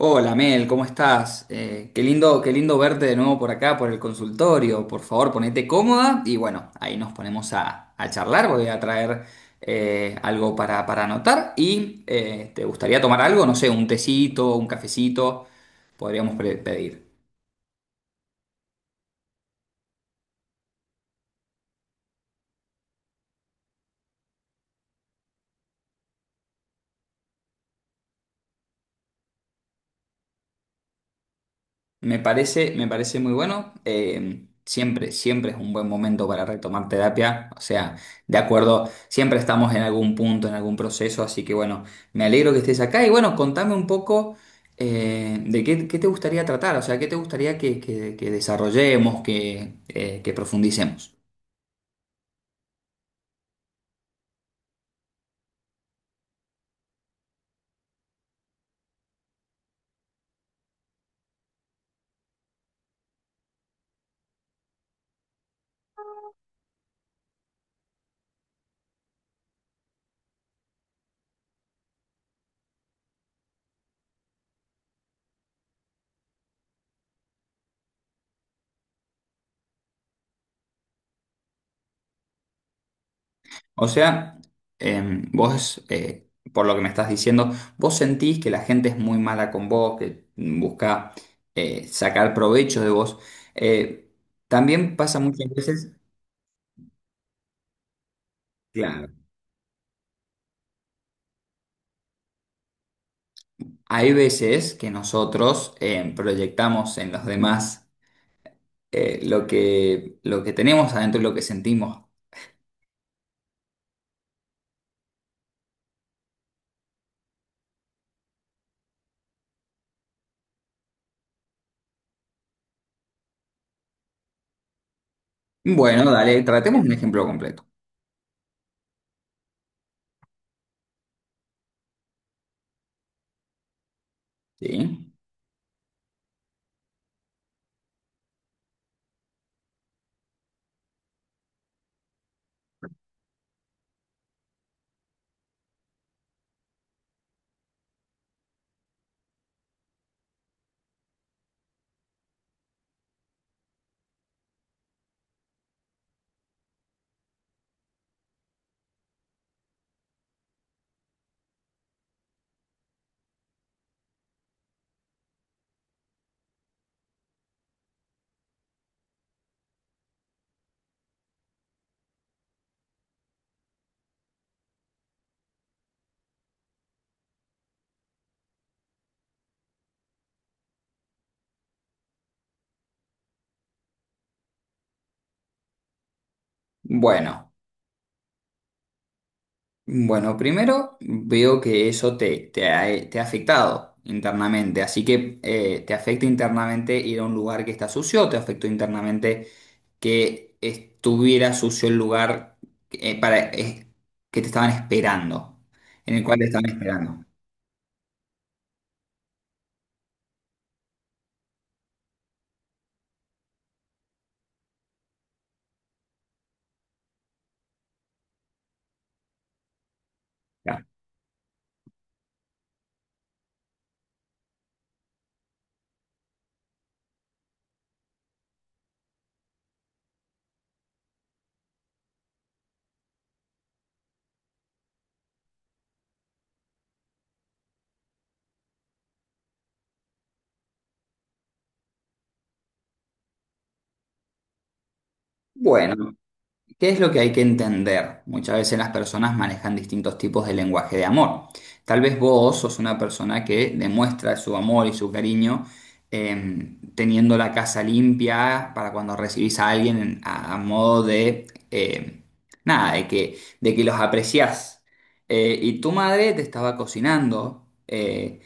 Hola Mel, ¿cómo estás? Qué lindo verte de nuevo por acá, por el consultorio. Por favor, ponete cómoda y bueno, ahí nos ponemos a charlar. Voy a traer algo para anotar y ¿te gustaría tomar algo? No sé, un tecito, un cafecito, pedir. Me parece muy bueno. Siempre es un buen momento para retomar terapia. O sea, de acuerdo, siempre estamos en algún punto, en algún proceso. Así que bueno, me alegro que estés acá. Y bueno, contame un poco qué te gustaría tratar. O sea, qué te gustaría que desarrollemos, que profundicemos. O sea, vos, por lo que me estás diciendo, vos sentís que la gente es muy mala con vos, que busca sacar provecho de vos. Eh, también pasa muchas veces, claro, hay veces que nosotros proyectamos en los demás lo que tenemos adentro y lo que sentimos. Bueno, dale, tratemos un ejemplo completo, ¿sí? Bueno. Bueno, primero veo que eso te ha afectado internamente, así que te afecta internamente ir a un lugar que está sucio, te afectó internamente que estuviera sucio el lugar eh, para, eh, que te estaban esperando, en el cual te estaban esperando. Ya. Bueno. ¿Qué es lo que hay que entender? Muchas veces las personas manejan distintos tipos de lenguaje de amor. Tal vez vos sos una persona que demuestra su amor y su cariño teniendo la casa limpia para cuando recibís a alguien a modo de, nada, de que los apreciás. Y tu madre te estaba cocinando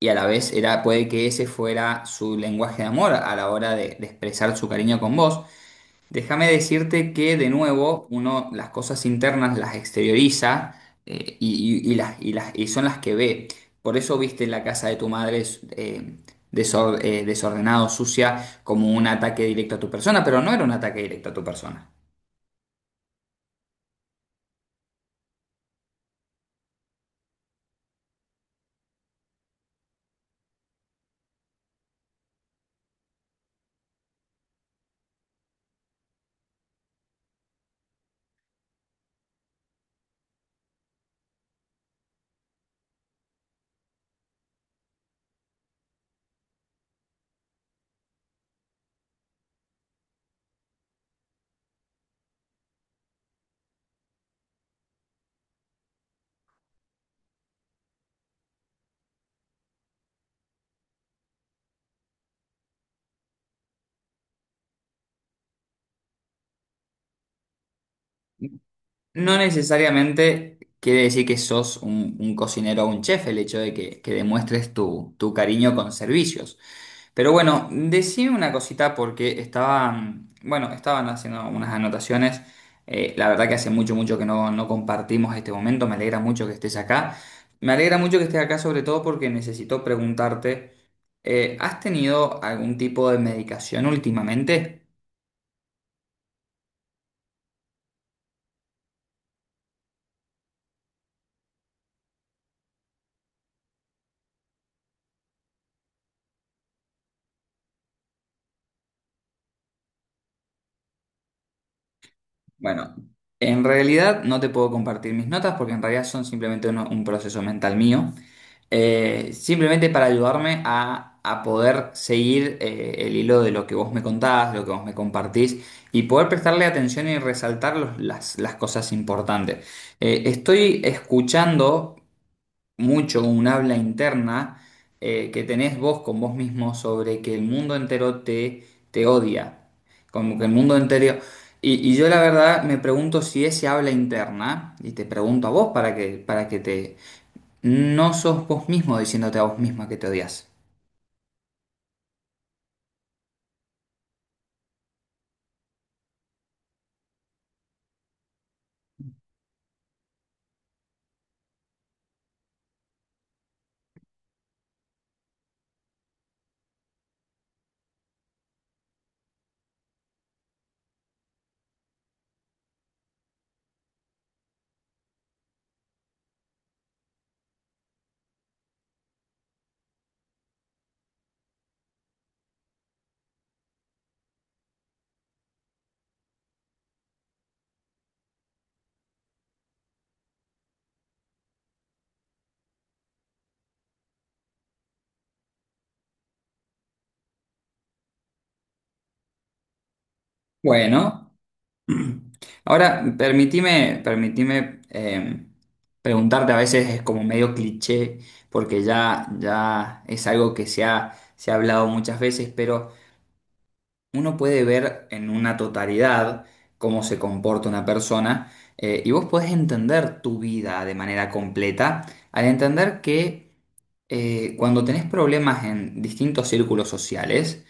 y a la vez era, puede que ese fuera su lenguaje de amor a la hora de expresar su cariño con vos. Déjame decirte que de nuevo uno las cosas internas las exterioriza y las, y son las que ve. Por eso viste la casa de tu madre eh, desordenado, sucia, como un ataque directo a tu persona, pero no era un ataque directo a tu persona. No necesariamente quiere decir que sos un cocinero o un chef el hecho de que demuestres tu cariño con servicios. Pero bueno, decime una cosita porque estaban, bueno, estaban haciendo unas anotaciones. La verdad que hace mucho que no compartimos este momento. Me alegra mucho que estés acá. Me alegra mucho que estés acá sobre todo porque necesito preguntarte, ¿has tenido algún tipo de medicación últimamente? Bueno, en realidad no te puedo compartir mis notas porque en realidad son simplemente un proceso mental mío. Simplemente para ayudarme a poder seguir el hilo de lo que vos me contás, de lo que vos me compartís y poder prestarle atención y resaltar las cosas importantes. Estoy escuchando mucho un habla interna que tenés vos con vos mismo sobre que el mundo entero te odia, como que el mundo entero... Y yo la verdad me pregunto si ese habla interna, y te pregunto a vos para que te no sos vos mismo diciéndote a vos misma que te odias. Bueno, ahora permitime preguntarte, a veces es como medio cliché, porque ya es algo que se ha hablado muchas veces, pero uno puede ver en una totalidad cómo se comporta una persona y vos podés entender tu vida de manera completa al entender que cuando tenés problemas en distintos círculos sociales,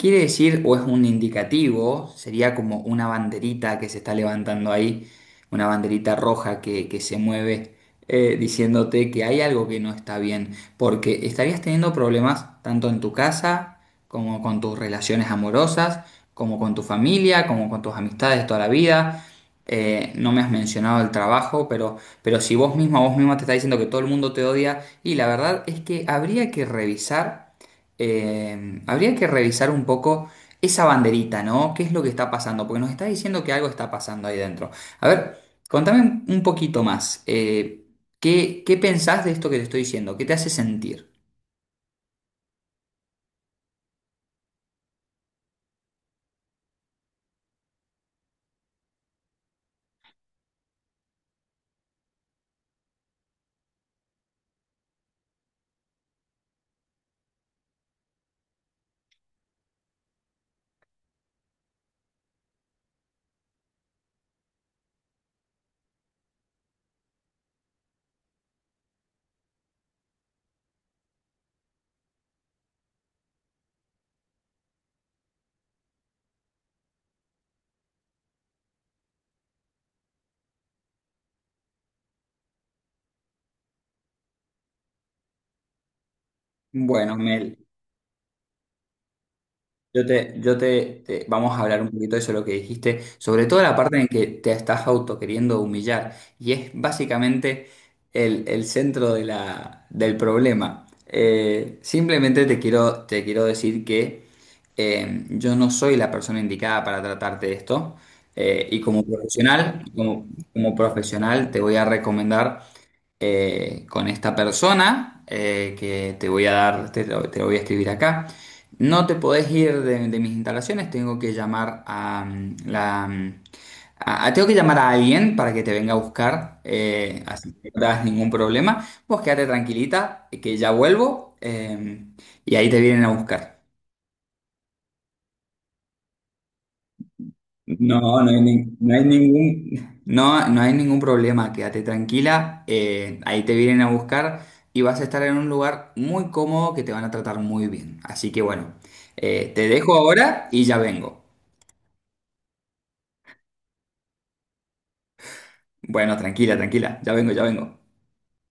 quiere decir, o es un indicativo, sería como una banderita que se está levantando ahí, una banderita roja que se mueve diciéndote que hay algo que no está bien, porque estarías teniendo problemas tanto en tu casa, como con tus relaciones amorosas, como con tu familia, como con tus amistades toda la vida. No me has mencionado el trabajo, pero si vos misma, vos misma te está diciendo que todo el mundo te odia, y la verdad es que habría que revisar. Habría que revisar un poco esa banderita, ¿no? ¿Qué es lo que está pasando? Porque nos está diciendo que algo está pasando ahí dentro. A ver, contame un poquito más. ¿Qué pensás de esto que te estoy diciendo? ¿Qué te hace sentir? Bueno, Mel. Vamos a hablar un poquito de eso, lo que dijiste, sobre todo la parte en que te estás auto queriendo humillar, y es básicamente el centro de del problema. Simplemente te quiero decir que yo no soy la persona indicada para tratarte de esto, y como profesional, como, como profesional te voy a recomendar con esta persona que te voy a dar, te lo voy a escribir acá. No te podés ir de mis instalaciones, tengo que llamar a la... tengo que llamar a alguien para que te venga a buscar, así que no te hagas ningún problema. Vos quédate tranquilita, que ya vuelvo, y ahí te vienen a buscar. No, no hay, ni- no hay ningún, no, no hay ningún problema, quédate tranquila, ahí te vienen a buscar y vas a estar en un lugar muy cómodo que te van a tratar muy bien. Así que bueno, te dejo ahora y ya vengo. Bueno, tranquila, tranquila, ya vengo, ya vengo.